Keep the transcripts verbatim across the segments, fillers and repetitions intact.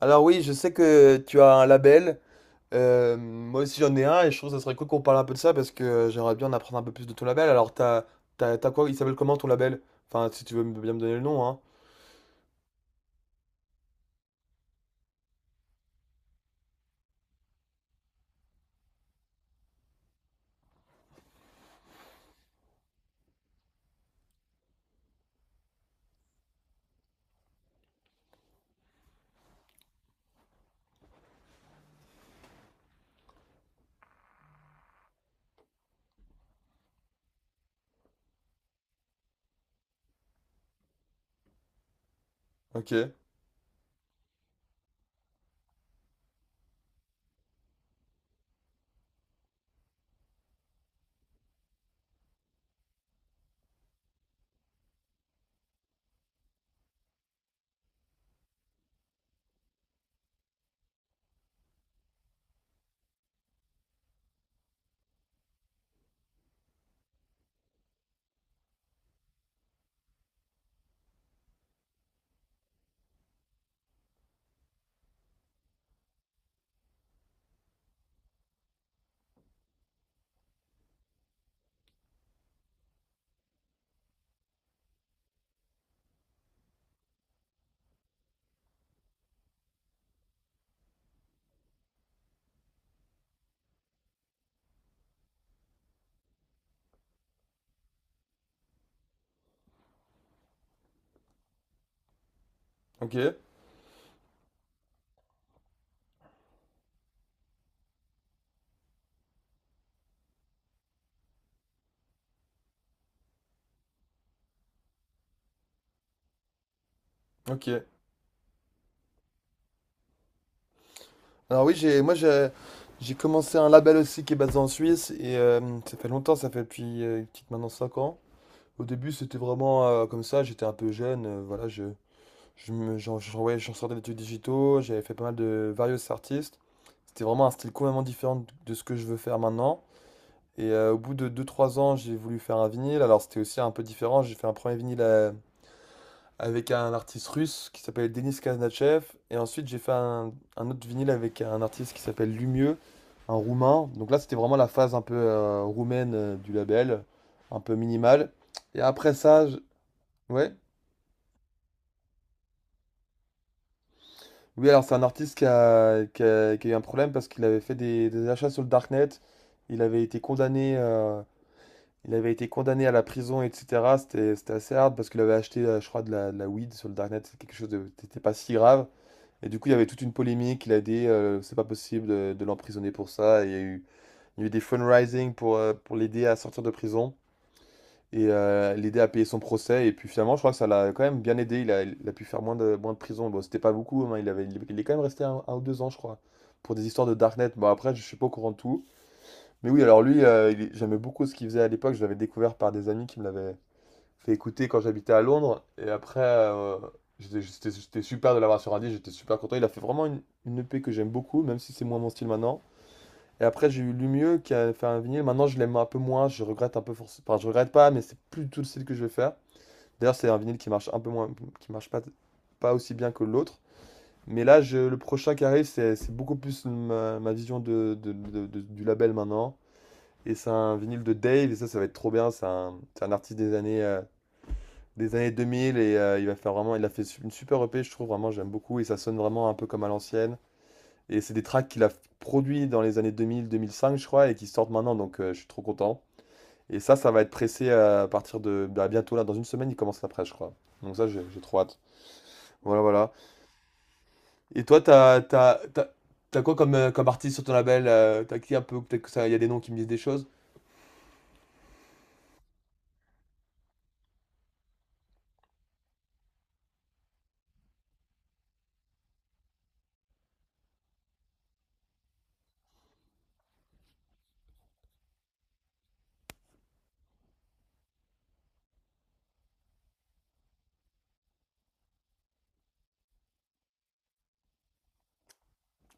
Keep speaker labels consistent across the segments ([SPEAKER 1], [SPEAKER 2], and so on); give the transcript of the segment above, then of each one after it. [SPEAKER 1] Alors oui, je sais que tu as un label. Euh, moi aussi j'en ai un et je trouve que ça serait cool qu'on parle un peu de ça parce que j'aimerais bien en apprendre un peu plus de ton label. Alors t'as, t'as, t'as quoi? Il s'appelle comment ton label? Enfin, si tu veux me- bien me donner le nom, hein. Ok, ok, ok. Alors oui, j'ai, moi j'ai, j'ai commencé un label aussi qui est basé en Suisse et euh, ça fait longtemps, ça fait depuis euh, petite maintenant cinq ans. Au début c'était vraiment euh, comme ça, j'étais un peu jeune, euh, voilà, je, Je me, j'en, j'en- ouais, j'en sortais d'études digitaux, j'avais fait pas mal de various artistes. C'était vraiment un style complètement différent de de ce que je veux faire maintenant. Et euh, au bout de deux trois ans, j'ai voulu faire un vinyle. Alors c'était aussi un peu différent. J'ai fait un premier vinyle euh, avec un artiste russe qui s'appelle Denis Kaznachev. Et ensuite, j'ai fait un, un autre vinyle avec un artiste qui s'appelle Lumieux, un roumain. Donc là, c'était vraiment la phase un peu euh, roumaine euh, du label, un peu minimale. Et après ça, je- ouais. Oui, alors c'est un artiste qui a, qui a- qui a eu un problème parce qu'il avait fait des, des achats sur le darknet. Il avait été condamné, euh, il avait été condamné à la prison, et cetera. C'était, c'était assez hard parce qu'il avait acheté, euh, je crois, de la, de la weed sur le darknet. C'est quelque chose de, c'était pas si grave. Et du coup, il y avait toute une polémique. Il a dit, euh, c'est pas possible de, de l'emprisonner pour ça. Et Il y a eu, il y a eu des fundraising pour, euh, pour l'aider à sortir de prison et euh, l'aider à payer son procès. Et puis finalement, je crois que ça l'a quand même bien aidé. Il a, il a pu faire moins de, moins de prison. Bon, c'était pas beaucoup, hein. Il avait, il est quand même resté un, un ou deux ans, je crois, pour des histoires de Darknet. Bon, après, je suis pas au courant de tout. Mais oui, alors lui, euh, il- j'aimais beaucoup ce qu'il faisait à l'époque. Je l'avais découvert par des amis qui me l'avaient fait écouter quand j'habitais à Londres. Et après, euh, j'étais j'étais- j'étais super de l'avoir sur un disque. J'étais super content. Il a fait vraiment une, une E P que j'aime beaucoup, même si c'est moins mon style maintenant. Et après, j'ai eu Lumieux qui a fait un vinyle. Maintenant, je l'aime un peu moins. Je regrette un peu forcément. Enfin, je regrette pas, mais c'est plus du tout le style que je vais faire. D'ailleurs, c'est un vinyle qui marche un peu moins, qui marche pas, pas aussi bien que l'autre. Mais là, je- le prochain qui arrive, c'est c'est beaucoup plus ma, ma vision de, de- de- de- du label maintenant. Et c'est un vinyle de Dave, et ça, ça va être trop bien. C'est un, c'est un artiste des années, euh, des années deux mille, et euh, il va faire vraiment, il a fait une super E P, je trouve vraiment, j'aime beaucoup, et ça sonne vraiment un peu comme à l'ancienne. Et c'est des tracks qu'il a produits dans les années deux mille-deux mille cinq, je crois, et qui sortent maintenant, donc euh, je suis trop content. Et ça, ça va être pressé euh, à partir de bah, bientôt, là, dans une semaine, il commence la presse, je crois. Donc ça, j'ai j'ai trop hâte. Voilà, voilà. Et toi, t'as, t'as, t'as, t'as quoi comme, euh, comme artiste sur ton label? Euh, t'as qui un peu? Peut-être que ça, il y a des noms qui me disent des choses.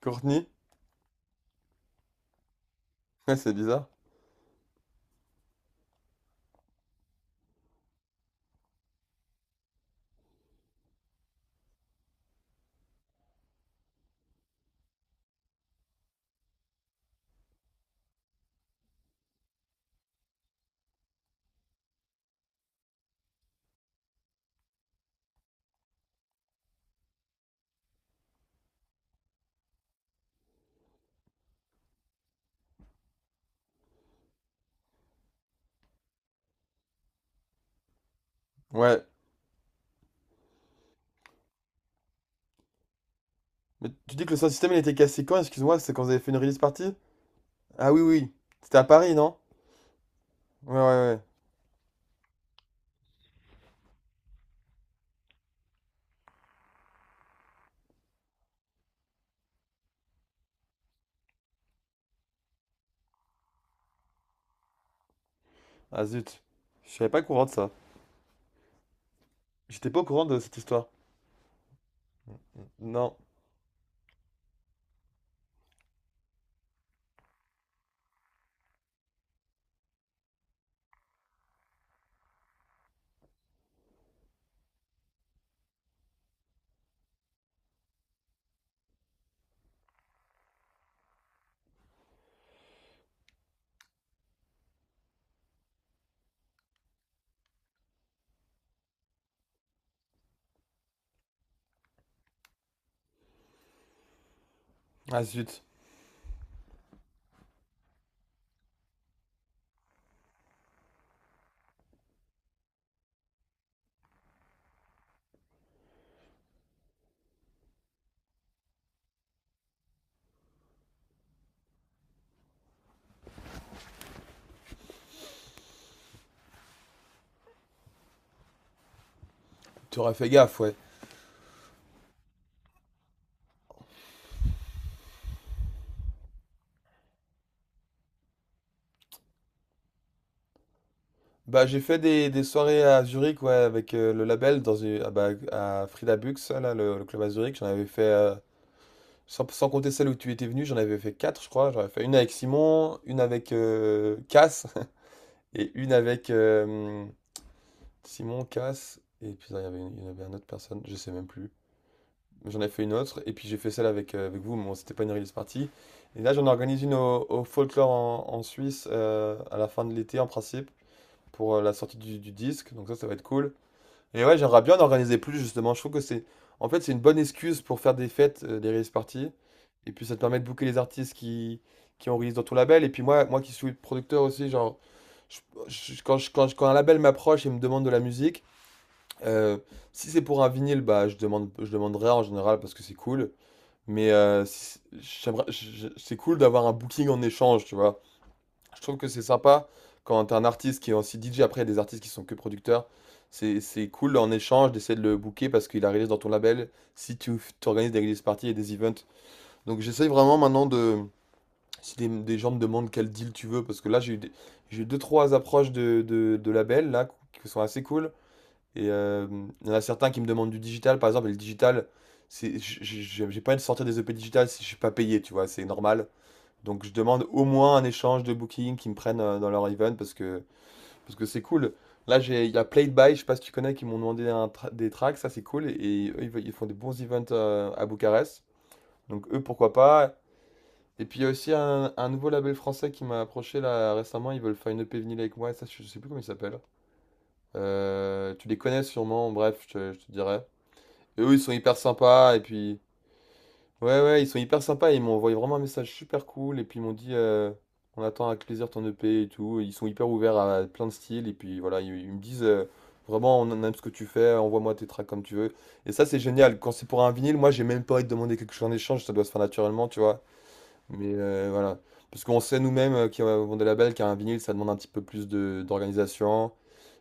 [SPEAKER 1] Courtney? Ouais, c'est bizarre. Ouais. Mais tu dis que le sound system il était cassé quand? Excuse-moi, c'est quand vous avez fait une release party? Ah oui, oui. C'était à Paris, non? Ouais, ouais, ouais. Ah zut. Je savais pas au courant de ça. J'étais pas au courant de cette histoire. Non. Ah zut. Tu aurais fait gaffe, ouais. Bah, j'ai fait des, des soirées à Zurich, ouais, avec euh, le label dans une, ah, bah, à Frida Bux, là, le, le club à Zurich. J'en avais fait euh, Sans, sans compter celle où tu étais venu, j'en avais fait quatre, je crois. J'en avais fait une avec Simon, une avec euh, Cass, et une avec euh, Simon, Cass, et puis là, il y avait, une- il y en avait une autre personne, je sais même plus. Mais j'en ai fait une autre, et puis j'ai fait celle avec, euh, avec vous, mais bon, c'était pas une release party. Et là, j'en organise une au, au Folklore en, en Suisse euh, à la fin de l'été, en principe, pour euh, la sortie du, du disque. Donc ça, ça va être cool. Et ouais, j'aimerais bien en organiser plus justement. Je trouve que c'est, en fait, c'est une bonne excuse pour faire des fêtes, euh, des release parties. Et puis ça te permet de booker les artistes qui, qui ont release dans ton label. Et puis moi, moi qui suis producteur aussi, genre, je- je- quand, je- quand, je- quand un label m'approche et me demande de la musique, euh, si c'est pour un vinyle, bah je demande, je demanderai en général parce que c'est cool. Mais euh, si- j'aimerais, je- je- c'est cool d'avoir un booking en échange, tu vois. Je trouve que c'est sympa quand t'as un artiste qui est aussi D J, après, il y a des artistes qui sont que producteurs. C'est c'est cool en échange d'essayer de le booker parce qu'il a release dans ton label si tu organises des release parties et des events. Donc j'essaye vraiment maintenant de. Si des, des gens me demandent quel deal tu veux, parce que là j'ai eu, des- j'ai eu deux, trois approches de, de, de labels là qui sont assez cool. Et euh, il y en a certains qui me demandent du digital, par exemple, et le digital, c'est, j- j- j'ai j'ai pas envie de sortir des E P digital si je suis pas payé, tu vois, c'est normal. Donc je demande au moins un échange de booking qui me prennent euh, dans leur event parce que parce que c'est cool. Là, j'ai, il y a Played By, je sais pas si tu connais, qui m'ont demandé un tra- des tracks, ça c'est cool. Et, eux, ils, ve- ils font des bons events euh, à Bucarest. Donc eux, pourquoi pas. Et puis il y a aussi un, un nouveau label français qui m'a approché là récemment, ils veulent faire une E P vinyle avec moi, et ça je sais plus comment il s'appelle. Euh, tu les connais sûrement, bref, je te, je te dirai. Et eux, ils sont hyper sympas, et puis... Ouais, ouais, ils sont hyper sympas. Ils m'ont envoyé vraiment un message super cool. Et puis ils m'ont dit, euh, on attend avec plaisir ton E P et tout. Ils sont hyper ouverts à plein de styles. Et puis voilà, ils, ils me disent, euh, vraiment, on aime ce que tu fais. Envoie-moi tes tracks comme tu veux. Et ça, c'est génial. Quand c'est pour un vinyle, moi, j'ai même pas envie de demander quelque chose en échange. Ça doit se faire naturellement, tu vois. Mais euh, voilà. Parce qu'on sait nous-mêmes euh, qui avons des labels qu'un vinyle, ça demande un petit peu plus de, d'organisation.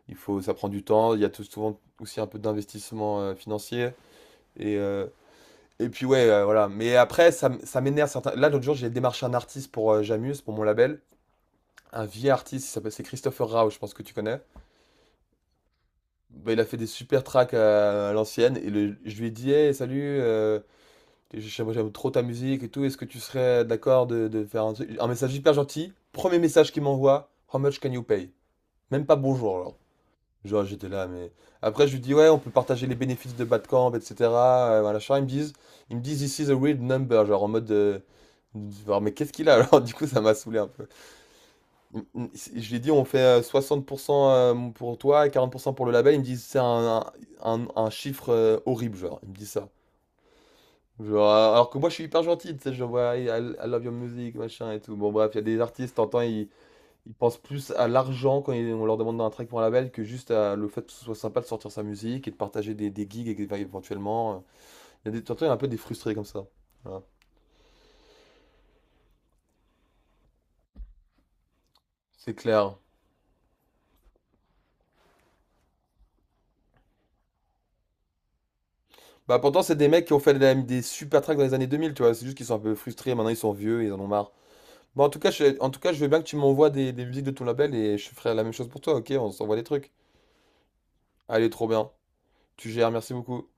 [SPEAKER 1] Il faut, ça prend du temps. Il y a tout, souvent aussi un peu d'investissement euh, financier. Et, euh, et puis ouais, euh, voilà. Mais après, ça, m- ça m'énerve certains. Là, l'autre jour, j'ai démarché un artiste pour euh, Jamuse, pour mon label. Un vieil artiste, il s'appelle- c'est Christopher Rao, je pense que tu connais. Bah, il a fait des super tracks euh, à l'ancienne. Et le- je lui ai dit, hey, salut, euh, j'aime j'aime trop ta musique et tout. Est-ce que tu serais d'accord de, de faire un truc, un message hyper gentil? Premier message qu'il m'envoie, how much can you pay? Même pas bonjour, alors. Genre, j'étais là, mais. Après, je lui dis, ouais, on peut partager les bénéfices de Badcamp, et cetera euh, voilà, machin. Ils me disent, ils me disent, this is a weird number. Genre, en mode. euh, genre, mais qu'est-ce qu'il a alors? Du coup, ça m'a saoulé un peu. Mm, mm. Je lui ai dit, on fait euh, soixante pour cent euh, pour toi et quarante pour cent pour cent pour le label. Ils me disent, c'est un, un, un chiffre euh, horrible, genre. Ils me disent ça. Genre, euh, alors que moi, je suis hyper gentil, tu sais, je vois, I, I love your music, machin et tout. Bon, bref, il y a des artistes, t'entends, ils ils- pensent plus à l'argent quand ils- on leur demande dans un track pour un label que juste à le fait que ce soit sympa de sortir sa musique et de partager des, des gigs é- éventuellement. euh, Il y a des, t'entends, il y en a un peu des frustrés comme ça. Voilà. C'est clair. Bah pourtant, c'est des mecs qui ont fait des, des super tracks dans les années deux mille, tu vois. C'est juste qu'ils sont un peu frustrés, maintenant ils sont vieux ils en ont marre. Bon, en tout cas, je, en tout cas, je veux bien que tu m'envoies des, des musiques de ton label et je ferai la même chose pour toi, ok? On s'envoie des trucs. Allez, trop bien. Tu gères, merci beaucoup.